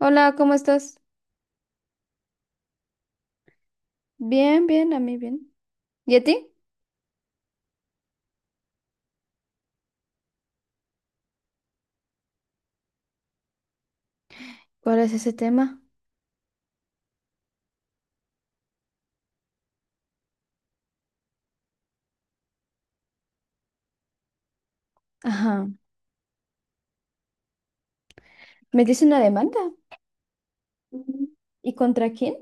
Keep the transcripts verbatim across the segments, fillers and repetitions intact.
Hola, ¿cómo estás? Bien, bien, a mí bien. ¿Y a ti? ¿Cuál es ese tema? Ajá. ¿Metiste una demanda? Ujú. ¿Y contra quién?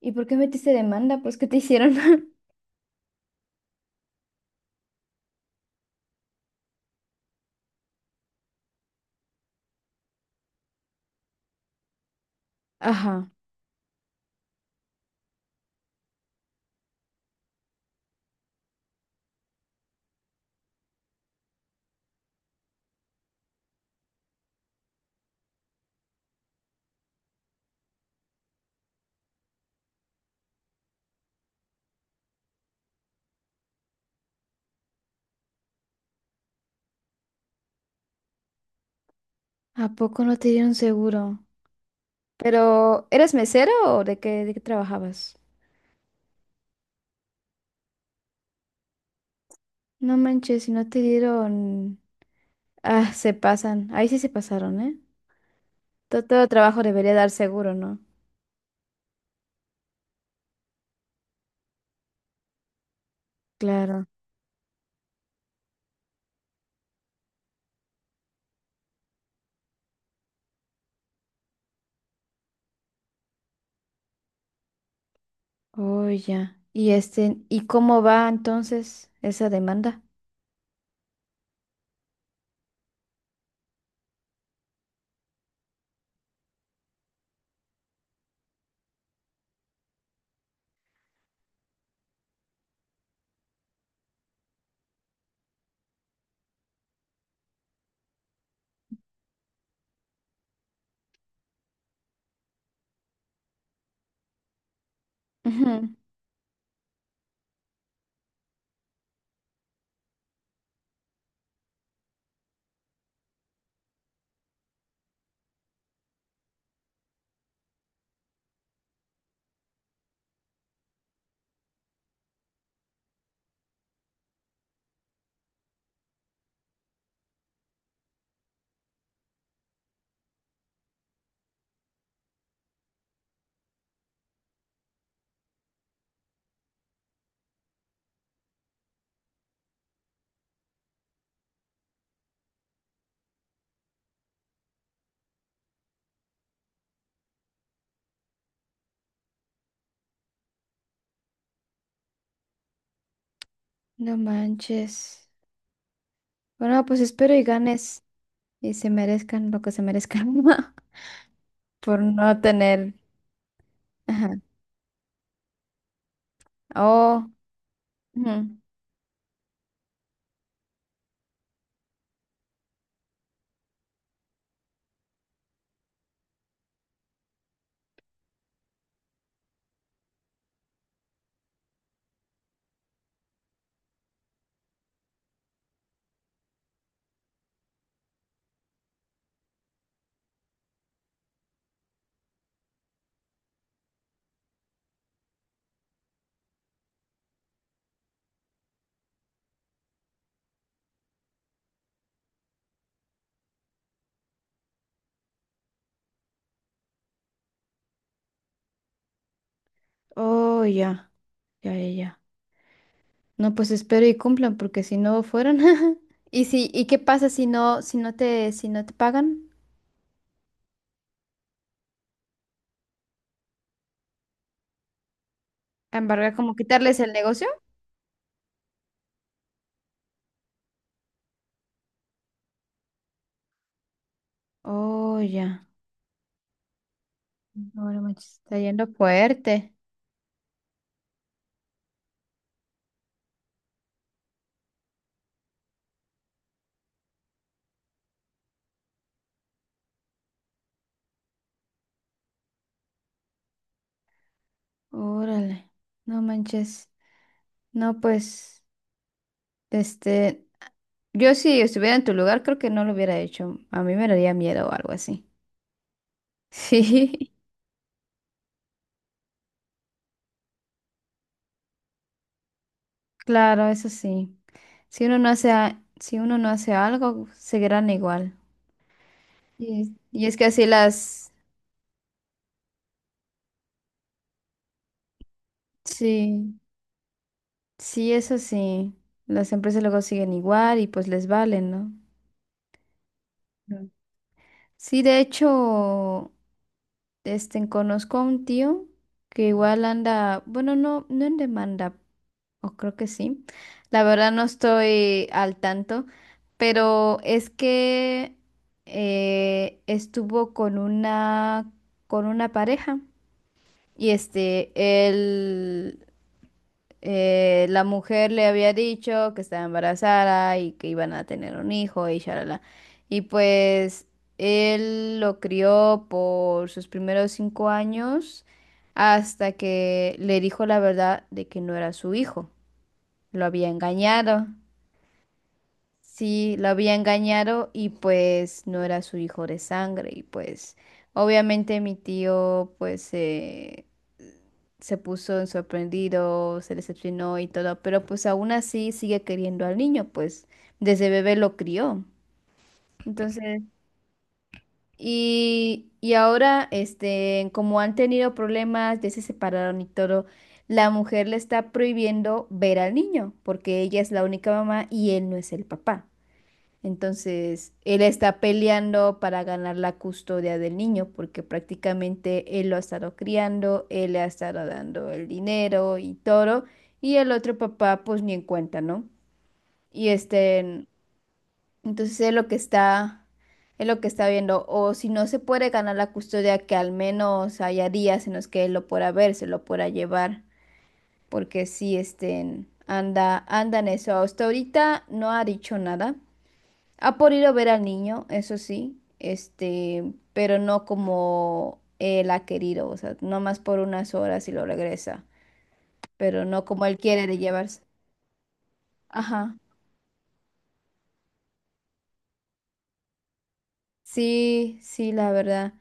¿Y por qué metiste demanda? Pues, ¿qué te hicieron? Ajá. ¿A poco no te dieron seguro? Pero, ¿eras mesero o de qué, de qué trabajabas? No manches, si no te dieron. Ah, se pasan. Ahí sí se pasaron, ¿eh? Todo Todo, trabajo debería dar seguro, ¿no? Claro. Oh, ya. ¿Y este, y cómo va entonces esa demanda? Ujú. No manches. Bueno, pues espero y ganes y se merezcan lo que se merezcan por no tener. Ajá. Oh, ujú. Oh, ya. Ya, ya, ya. No, pues espero y cumplan porque si no fueron. ¿Y si, y qué pasa si no, si no te, si no te pagan? ¿Embargar como quitarles el negocio? Oh, ya. No, no manches, está yendo fuerte. Órale. No manches. No, pues, este, yo si estuviera en tu lugar, creo que no lo hubiera hecho. A mí me daría miedo o algo así. Sí, claro, eso sí. Si uno no hace, a- si uno no hace algo, seguirán igual. Y, y es que así las, sí, sí, eso sí. Las empresas luego siguen igual y pues les valen, ¿no? Mm. Sí, de hecho, este, conozco a un tío que igual anda, bueno, no, no en demanda. O creo que sí. La verdad no estoy al tanto, pero es que eh, estuvo con una con una pareja y este él eh, la mujer le había dicho que estaba embarazada y que iban a tener un hijo y shalala. Y pues él lo crió por sus primeros cinco años hasta que le dijo la verdad de que no era su hijo. Lo había engañado. Sí, lo había engañado y pues no era su hijo de sangre y pues obviamente mi tío pues eh, se puso en sorprendido, se decepcionó y todo, pero pues aún así sigue queriendo al niño, pues desde bebé lo crió. Entonces, y, y ahora, este, como han tenido problemas, ya se separaron y todo, la mujer le está prohibiendo ver al niño porque ella es la única mamá y él no es el papá. Entonces, él está peleando para ganar la custodia del niño, porque prácticamente él lo ha estado criando, él le ha estado dando el dinero y todo, y el otro papá, pues ni en cuenta, ¿no? Y este, entonces es lo que está, es lo que está viendo, o si no se puede ganar la custodia, que al menos haya días en los que él lo pueda ver, se lo pueda llevar, porque sí, este, anda, anda en eso. Hasta ahorita no ha dicho nada. Ah, por ir a ver al niño, eso sí, este, pero no como él ha querido, o sea, nomás por unas horas y lo regresa, pero no como él quiere de llevarse. Ajá. Sí, sí, la verdad.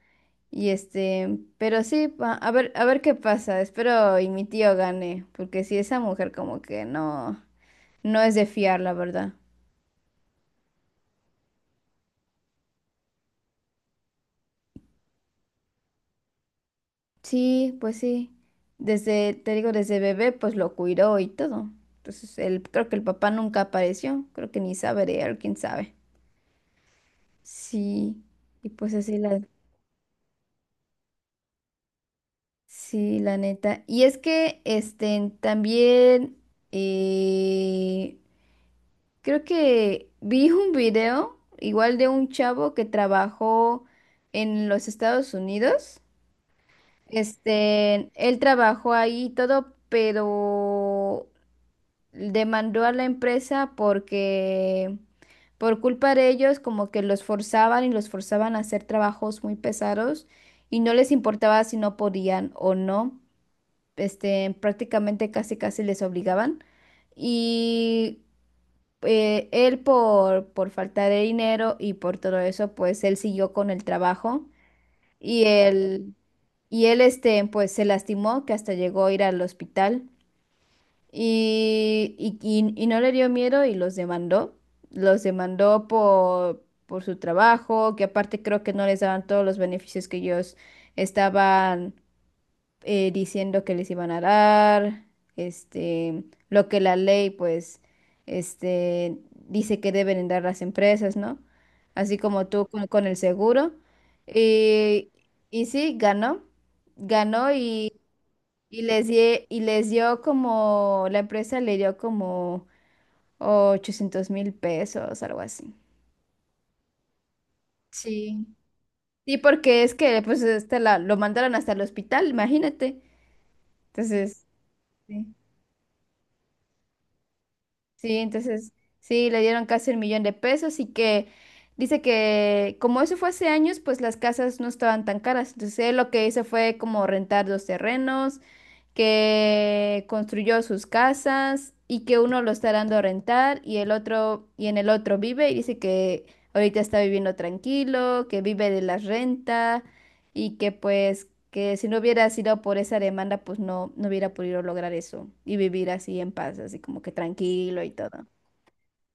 Y este, pero sí, va- a ver, a ver qué pasa. Espero y mi tío gane, porque si esa mujer como que no, no es de fiar, la verdad. Sí, pues sí. Desde, te digo, desde bebé, pues lo cuidó y todo. Entonces, él, creo que el papá nunca apareció. Creo que ni sabe de él, quién sabe. Sí, y pues así la, sí, la neta. Y es que, este, también, eh, creo que vi un video, igual de un chavo que trabajó en los Estados Unidos. Este, él trabajó ahí y todo, pero demandó a la empresa porque por culpa de ellos como que los forzaban y los forzaban a hacer trabajos muy pesados y no les importaba si no podían o no, este, prácticamente casi casi les obligaban. Y eh, él por, por falta de dinero y por todo eso, pues él siguió con el trabajo y él, y él este, pues se lastimó que hasta llegó a ir al hospital. Y, y, y- y no le dio miedo y los demandó. Los demandó por, por su trabajo, que aparte creo que no les daban todos los beneficios que ellos estaban eh, diciendo que les iban a dar. Este, lo que la ley, pues, este, dice que deben dar las empresas, ¿no? Así como tú con, con el seguro. Y, y sí, ganó. Ganó y les, die- y les dio como, la empresa le dio como ochocientos mil pesos, algo así. Sí. Sí, porque es que pues este la, lo mandaron hasta el hospital, imagínate. Entonces, sí, sí, entonces sí, le dieron casi un millón de pesos y que dice que como eso fue hace años, pues las casas no estaban tan caras. Entonces él lo que hizo fue como rentar dos terrenos que construyó sus casas y que uno lo está dando a rentar y el otro y en el otro vive y dice que ahorita está viviendo tranquilo, que vive de la renta y que pues que si no hubiera sido por esa demanda pues no no hubiera podido lograr eso y vivir así en paz, así como que tranquilo y todo.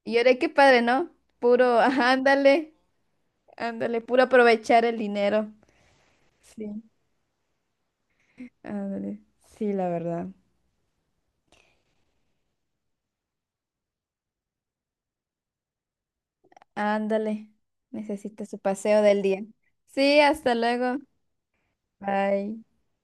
Y yo de qué padre, ¿no? Puro, ajá, ándale, ándale, puro aprovechar el dinero. Sí, ándale. Sí, la verdad. Ándale, necesita su paseo del día. Sí, hasta luego. Bye.